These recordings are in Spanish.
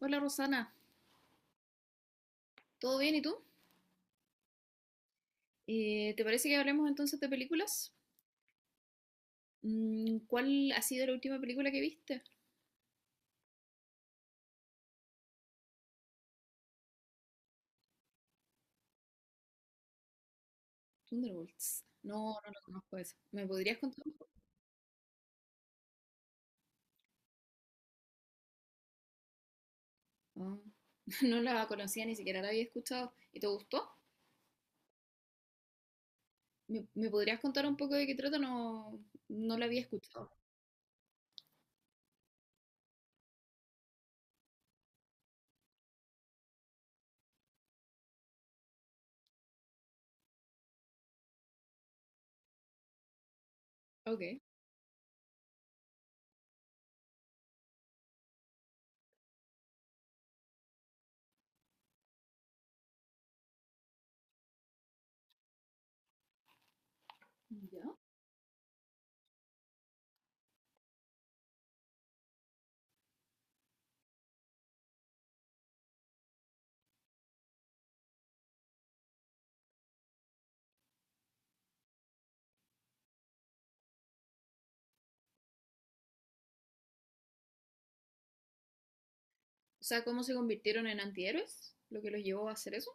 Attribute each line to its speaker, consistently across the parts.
Speaker 1: Hola Rosana, ¿todo bien y tú? ¿Te parece que hablemos entonces de películas? ¿Cuál ha sido la última película que viste? Thunderbolts. No, no la conozco esa. ¿Me podrías contar un poco? Ah, no la conocía, ni siquiera la había escuchado. ¿Y te gustó? ¿Me podrías contar un poco de qué trata? No, no la había escuchado. Ok. Ya. O sea, ¿cómo se convirtieron en antihéroes? ¿Lo que los llevó a hacer eso?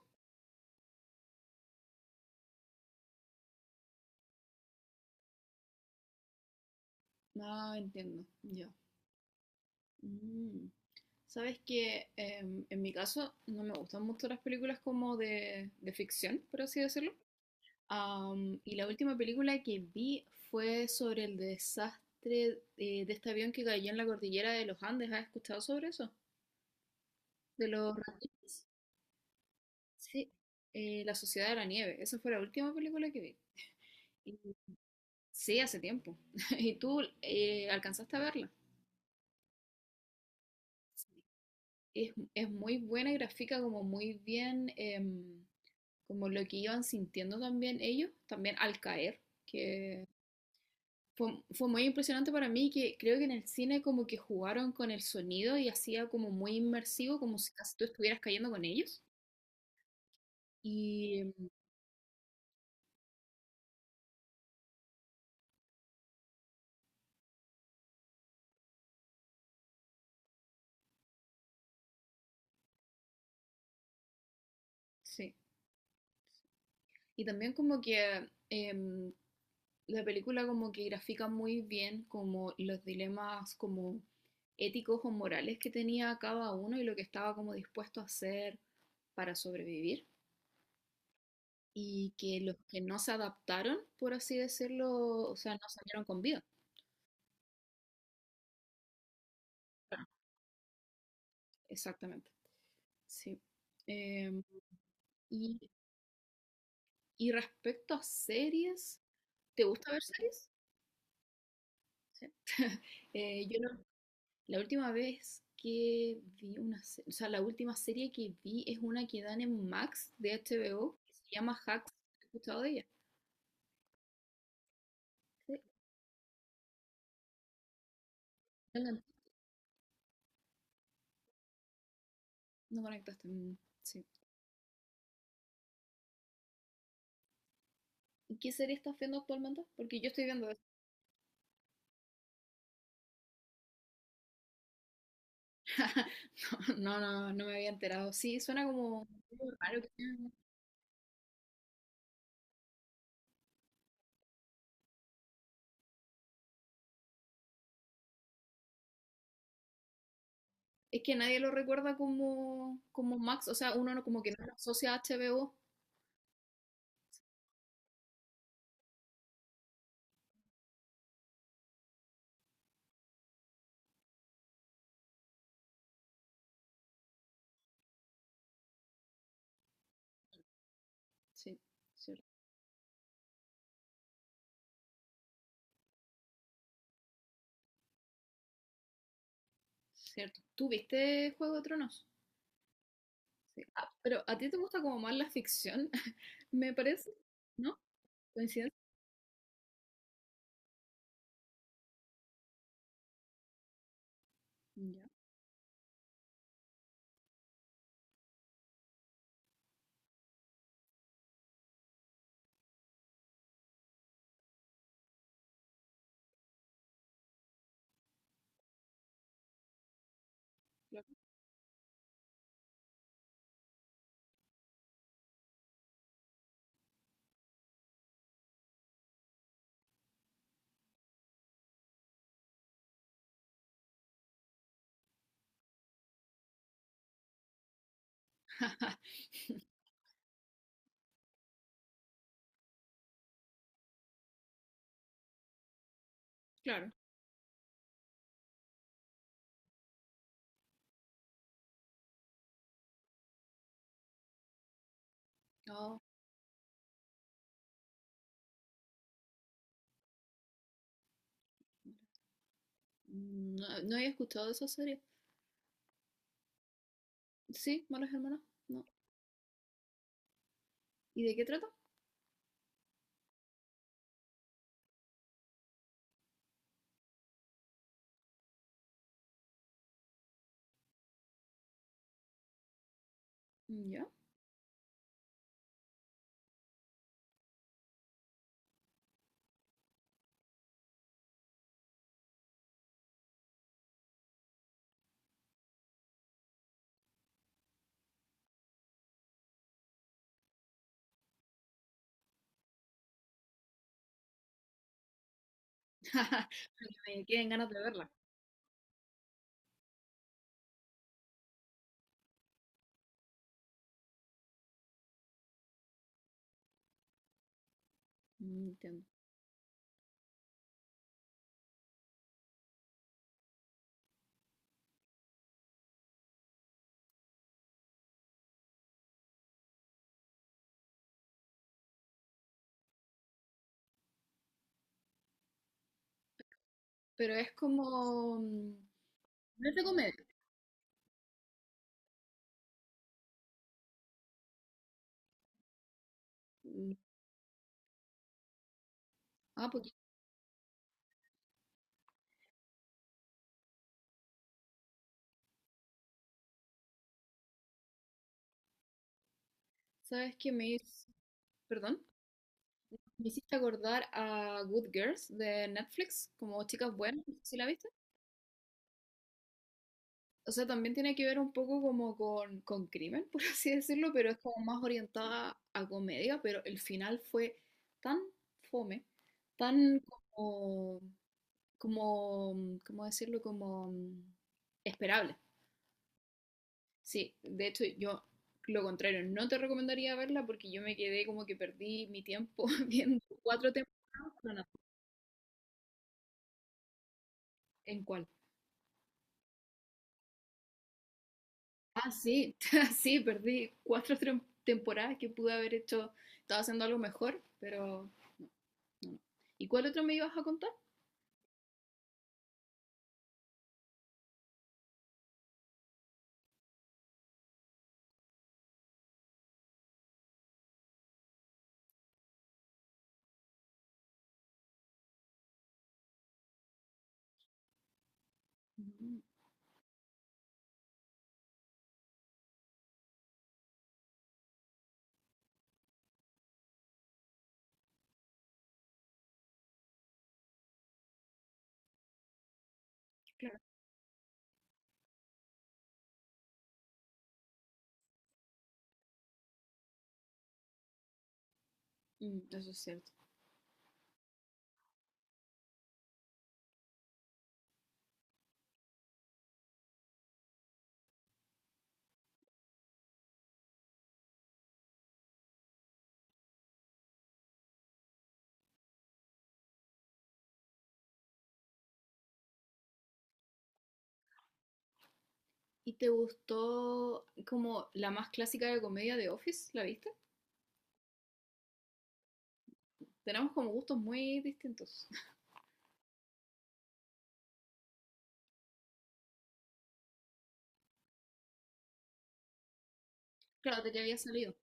Speaker 1: Ah, entiendo. Ya. Mm. Sabes que en mi caso no me gustan mucho las películas como de ficción, por así decirlo. Y la última película que vi fue sobre el desastre de este avión que cayó en la cordillera de los Andes. ¿Has escuchado sobre eso? De los reptiles. Sí. La Sociedad de la Nieve. Esa fue la última película que vi. Y sí, hace tiempo. ¿Y tú alcanzaste a verla? Es muy buena y grafica como muy bien. Como lo que iban sintiendo también ellos, también al caer, que fue, fue, muy impresionante para mí, que creo que en el cine como que jugaron con el sonido y hacía como muy inmersivo, como si casi tú estuvieras cayendo con ellos. Y sí, y también como que la película como que grafica muy bien como los dilemas como éticos o morales que tenía cada uno y lo que estaba como dispuesto a hacer para sobrevivir. Y que los que no se adaptaron, por así decirlo, o sea, no salieron con vida. Claro. Exactamente, sí. Em, y, respecto a series, ¿te gusta ver series? Yo no- la última vez que vi una serie, o sea, la última serie que vi es una que dan en Max de HBO, que se llama Hacks. ¿Has escuchado de ella? Sí, no, la- no conectaste. Mm, sí. ¿Y qué serie estás viendo actualmente? Porque yo estoy viendo no, no, no me había enterado. Sí, suena como algo raro. Es que nadie lo recuerda como, como Max, o sea, uno no, como que no lo asocia a HBO. Sí, cierto, cierto. ¿Tú viste Juego de Tronos? Sí. Ah, pero ¿a ti te gusta como más la ficción? Me parece, ¿no? ¿Coincidencia? Ya, claro. Claro. Oh, no, no había escuchado de esa serie. Sí, Malas Hermanas, no. ¿Y de qué trata? Ya. Porque me queden ganas de verla. Mm, entiendo. Pero es como... no es de comedia. Mm, ah, porque, ¿sabes que me hizo? Perdón, me hiciste acordar a Good Girls de Netflix, como Chicas Buenas, no sé si la viste. O sea, también tiene que ver un poco como con crimen, por así decirlo, pero es como más orientada a comedia, pero el final fue tan fome, tan como, como, ¿cómo decirlo? Como esperable. Sí, de hecho yo lo contrario, no te recomendaría verla porque yo me quedé como que perdí mi tiempo viendo cuatro temporadas. No, no, ¿en cuál? Ah, sí, sí, perdí cuatro temporadas que pude haber hecho, estaba haciendo algo mejor, pero no, no. ¿Y cuál otro me ibas a contar? Mm, claro. Mm, eso es cierto. ¿Y te gustó como la más clásica de comedia de Office? ¿La viste? Tenemos como gustos muy distintos. Claro, de que había salido.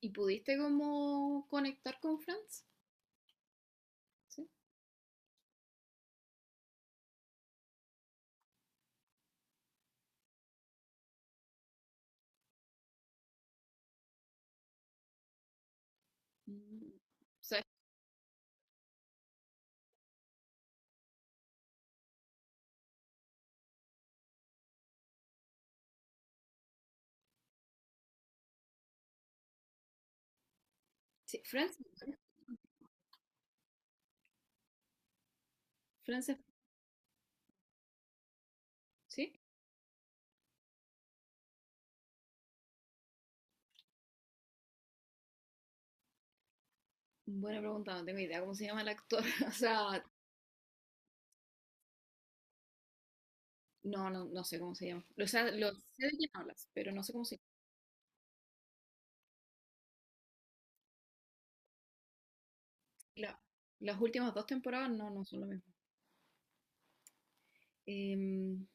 Speaker 1: ¿Y pudiste como conectar con Friends? ¿Sí? Mm, o sea, sí, Friends, Friends es- ¿sí? Buena pregunta, no tengo idea cómo se llama el actor. O sea, no, no, no sé cómo se llama. O sea, lo sé de quién hablas, pero no sé cómo se llama. La- las últimas dos temporadas no, no son lo mismo. Em,